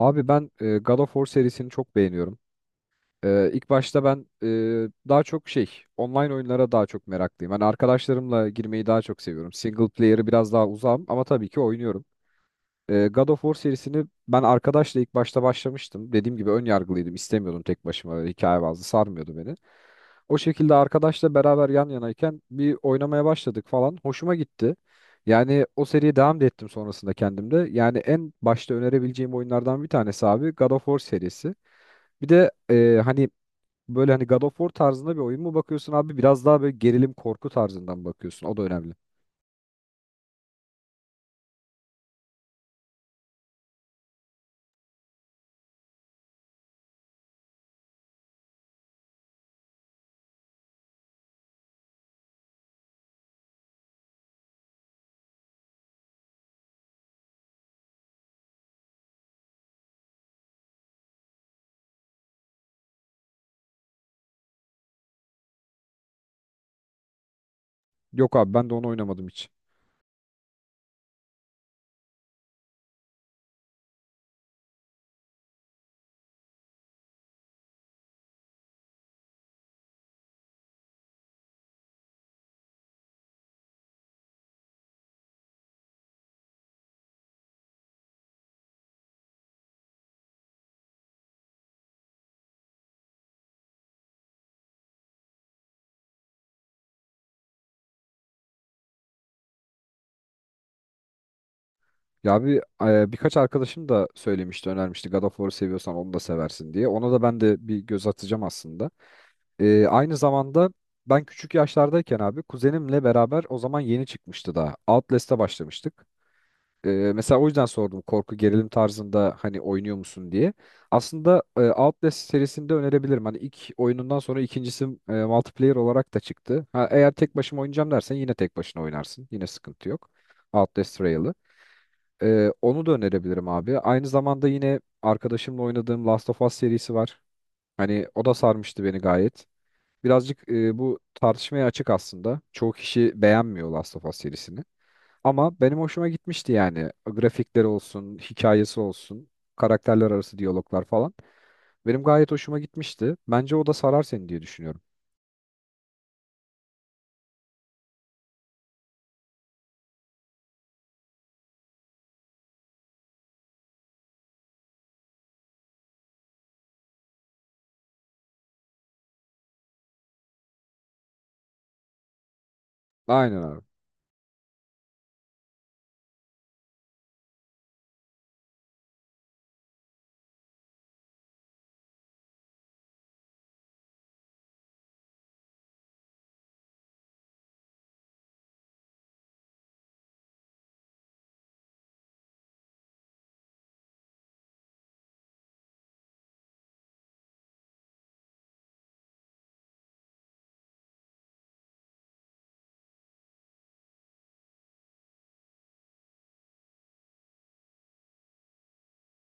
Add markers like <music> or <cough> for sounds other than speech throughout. Abi ben God of War serisini çok beğeniyorum. E, ilk başta ben e, daha çok şey Online oyunlara daha çok meraklıyım. Hani arkadaşlarımla girmeyi daha çok seviyorum. Single player'ı biraz daha uzağım ama tabii ki oynuyorum. God of War serisini ben arkadaşla ilk başta başlamıştım. Dediğim gibi ön yargılıydım. İstemiyordum tek başıma. Hikaye bazlı sarmıyordu beni. O şekilde arkadaşla beraber yan yanayken bir oynamaya başladık falan. Hoşuma gitti. Yani o seriye devam da ettim sonrasında kendimde. Yani en başta önerebileceğim oyunlardan bir tanesi abi God of War serisi. Bir de hani böyle hani God of War tarzında bir oyun mu bakıyorsun abi? Biraz daha böyle gerilim korku tarzından bakıyorsun. O da önemli. Yok abi ben de onu oynamadım hiç. Ya bir Birkaç arkadaşım da söylemişti, önermişti God of War'u seviyorsan onu da seversin diye. Ona da ben de bir göz atacağım aslında. Aynı zamanda ben küçük yaşlardayken abi kuzenimle beraber o zaman yeni çıkmıştı daha. Outlast'a başlamıştık. Mesela o yüzden sordum korku gerilim tarzında hani oynuyor musun diye. Aslında Outlast serisini de önerebilirim. Hani ilk oyunundan sonra ikincisi multiplayer olarak da çıktı. Ha, eğer tek başıma oynayacağım dersen yine tek başına oynarsın. Yine sıkıntı yok. Outlast Trail'ı. Onu da önerebilirim abi. Aynı zamanda yine arkadaşımla oynadığım Last of Us serisi var. Hani o da sarmıştı beni gayet. Birazcık bu tartışmaya açık aslında. Çoğu kişi beğenmiyor Last of Us serisini. Ama benim hoşuma gitmişti yani. Grafikleri olsun, hikayesi olsun, karakterler arası diyaloglar falan. Benim gayet hoşuma gitmişti. Bence o da sarar seni diye düşünüyorum. Aynen abi.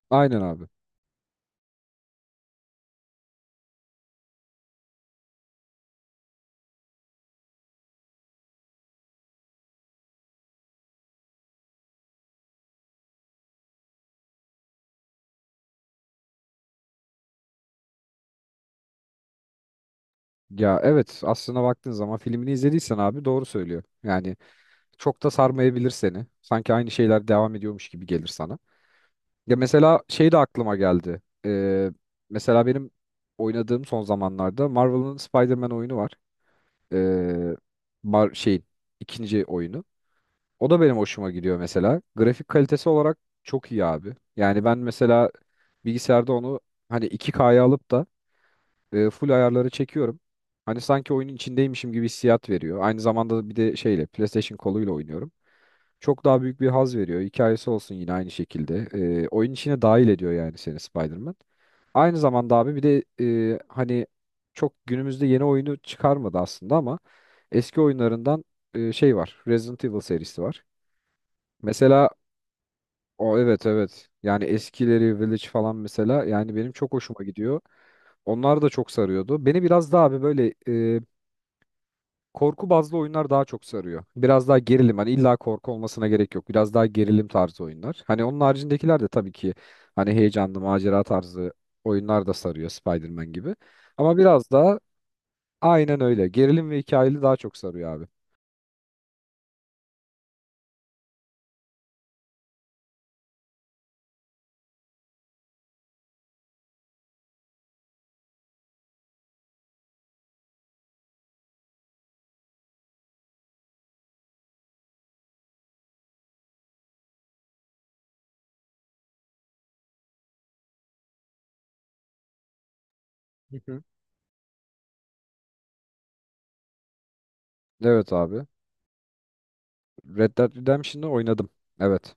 Aynen abi. Ya evet, aslına baktığın zaman filmini izlediysen abi doğru söylüyor. Yani çok da sarmayabilir seni. Sanki aynı şeyler devam ediyormuş gibi gelir sana. Ya mesela şey de aklıma geldi. Mesela benim oynadığım son zamanlarda Marvel'ın Spider-Man oyunu var. Ee, Mar şeyin ikinci oyunu. O da benim hoşuma gidiyor mesela. Grafik kalitesi olarak çok iyi abi. Yani ben mesela bilgisayarda onu hani 2K'ya alıp da full ayarları çekiyorum. Hani sanki oyunun içindeymişim gibi hissiyat veriyor. Aynı zamanda bir de şeyle PlayStation koluyla oynuyorum. Çok daha büyük bir haz veriyor. Hikayesi olsun yine aynı şekilde. Oyun içine dahil ediyor yani seni Spider-Man. Aynı zamanda abi bir de hani çok günümüzde yeni oyunu çıkarmadı aslında ama eski oyunlarından var. Resident Evil serisi var. Mesela o, evet evet. Yani eskileri Village falan mesela yani benim çok hoşuma gidiyor. Onlar da çok sarıyordu. Beni biraz daha abi böyle korku bazlı oyunlar daha çok sarıyor. Biraz daha gerilim. Hani illa korku olmasına gerek yok. Biraz daha gerilim tarzı oyunlar. Hani onun haricindekiler de tabii ki hani heyecanlı macera tarzı oyunlar da sarıyor Spider-Man gibi. Ama biraz daha aynen öyle. Gerilim ve hikayeli daha çok sarıyor abi. Hı hı. Evet abi. Red Dead Redemption'ı oynadım. Evet.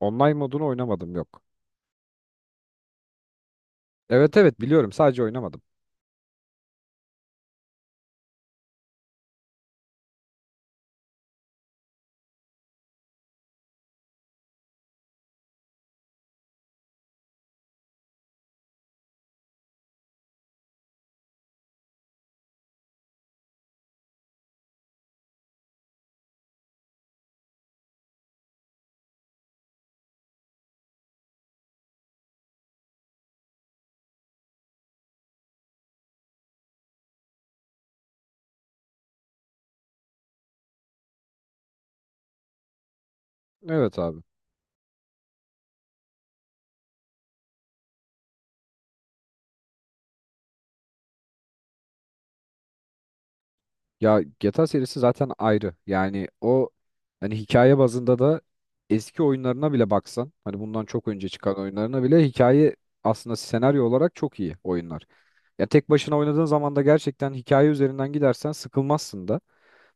Online modunu oynamadım, yok. Evet evet, biliyorum sadece oynamadım. Evet abi. Ya GTA serisi zaten ayrı. Yani o hani hikaye bazında da eski oyunlarına bile baksan hani bundan çok önce çıkan oyunlarına bile hikaye aslında senaryo olarak çok iyi oyunlar. Ya tek başına oynadığın zaman da gerçekten hikaye üzerinden gidersen sıkılmazsın da.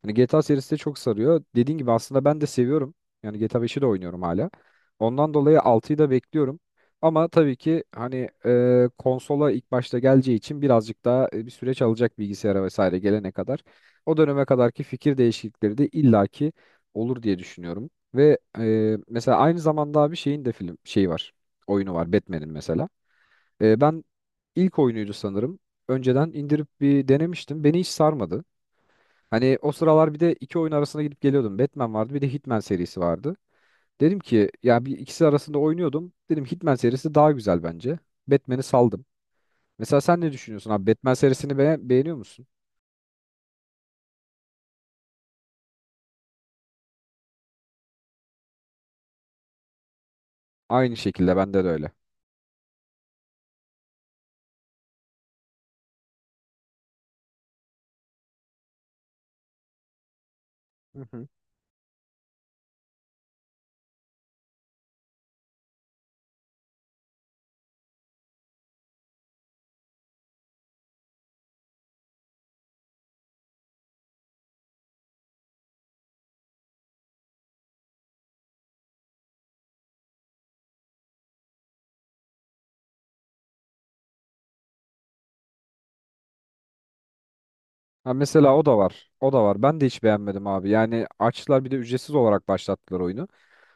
Yani GTA serisi de çok sarıyor. Dediğin gibi aslında ben de seviyorum. Yani GTA beşi de oynuyorum hala. Ondan dolayı altıyı da bekliyorum. Ama tabii ki hani konsola ilk başta geleceği için birazcık daha bir süreç alacak bilgisayara vesaire gelene kadar. O döneme kadarki fikir değişiklikleri de illaki olur diye düşünüyorum. Ve mesela aynı zamanda bir şeyin de film şeyi var. Oyunu var Batman'in mesela. Ben ilk oyunuydu sanırım. Önceden indirip bir denemiştim. Beni hiç sarmadı. Hani o sıralar bir de iki oyun arasında gidip geliyordum. Batman vardı bir de Hitman serisi vardı. Dedim ki ya bir ikisi arasında oynuyordum. Dedim Hitman serisi daha güzel bence. Batman'i saldım. Mesela sen ne düşünüyorsun abi? Batman serisini beğeniyor musun? Aynı şekilde bende de öyle. Hı hı. Ha mesela o da var. O da var. Ben de hiç beğenmedim abi. Yani açtılar bir de ücretsiz olarak başlattılar oyunu.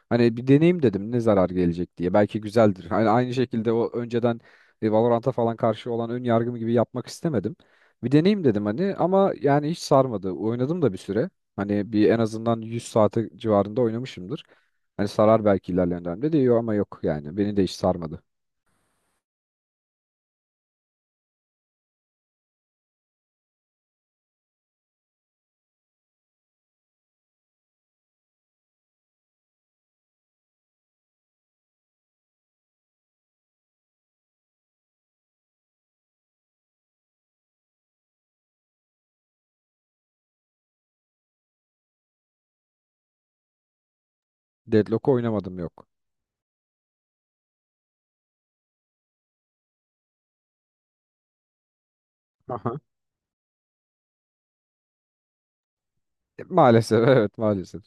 Hani bir deneyim dedim ne zarar gelecek diye. Belki güzeldir. Hani aynı şekilde o önceden Valorant'a falan karşı olan ön yargım gibi yapmak istemedim. Bir deneyim dedim hani ama yani hiç sarmadı. Oynadım da bir süre. Hani bir en azından 100 saate civarında oynamışımdır. Hani sarar belki ilerleyen dönemde diyor ama yok yani. Beni de hiç sarmadı. Deadlock oynamadım, yok. Aha. Maalesef <laughs> evet maalesef.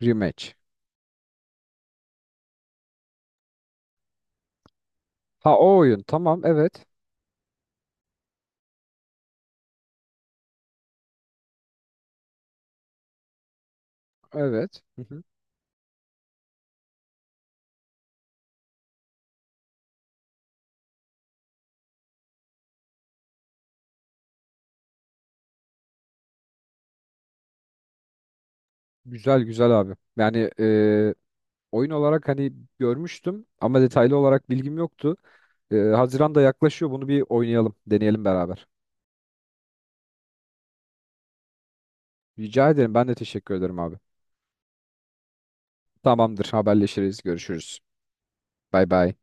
Rematch. Ha o oyun, tamam evet. Evet. Hı hı. Güzel güzel abi. Yani oyun olarak hani görmüştüm ama detaylı olarak bilgim yoktu. Haziran da yaklaşıyor. Bunu bir oynayalım, deneyelim beraber. Rica ederim. Ben de teşekkür ederim abi. Tamamdır. Haberleşiriz. Görüşürüz. Bay bay.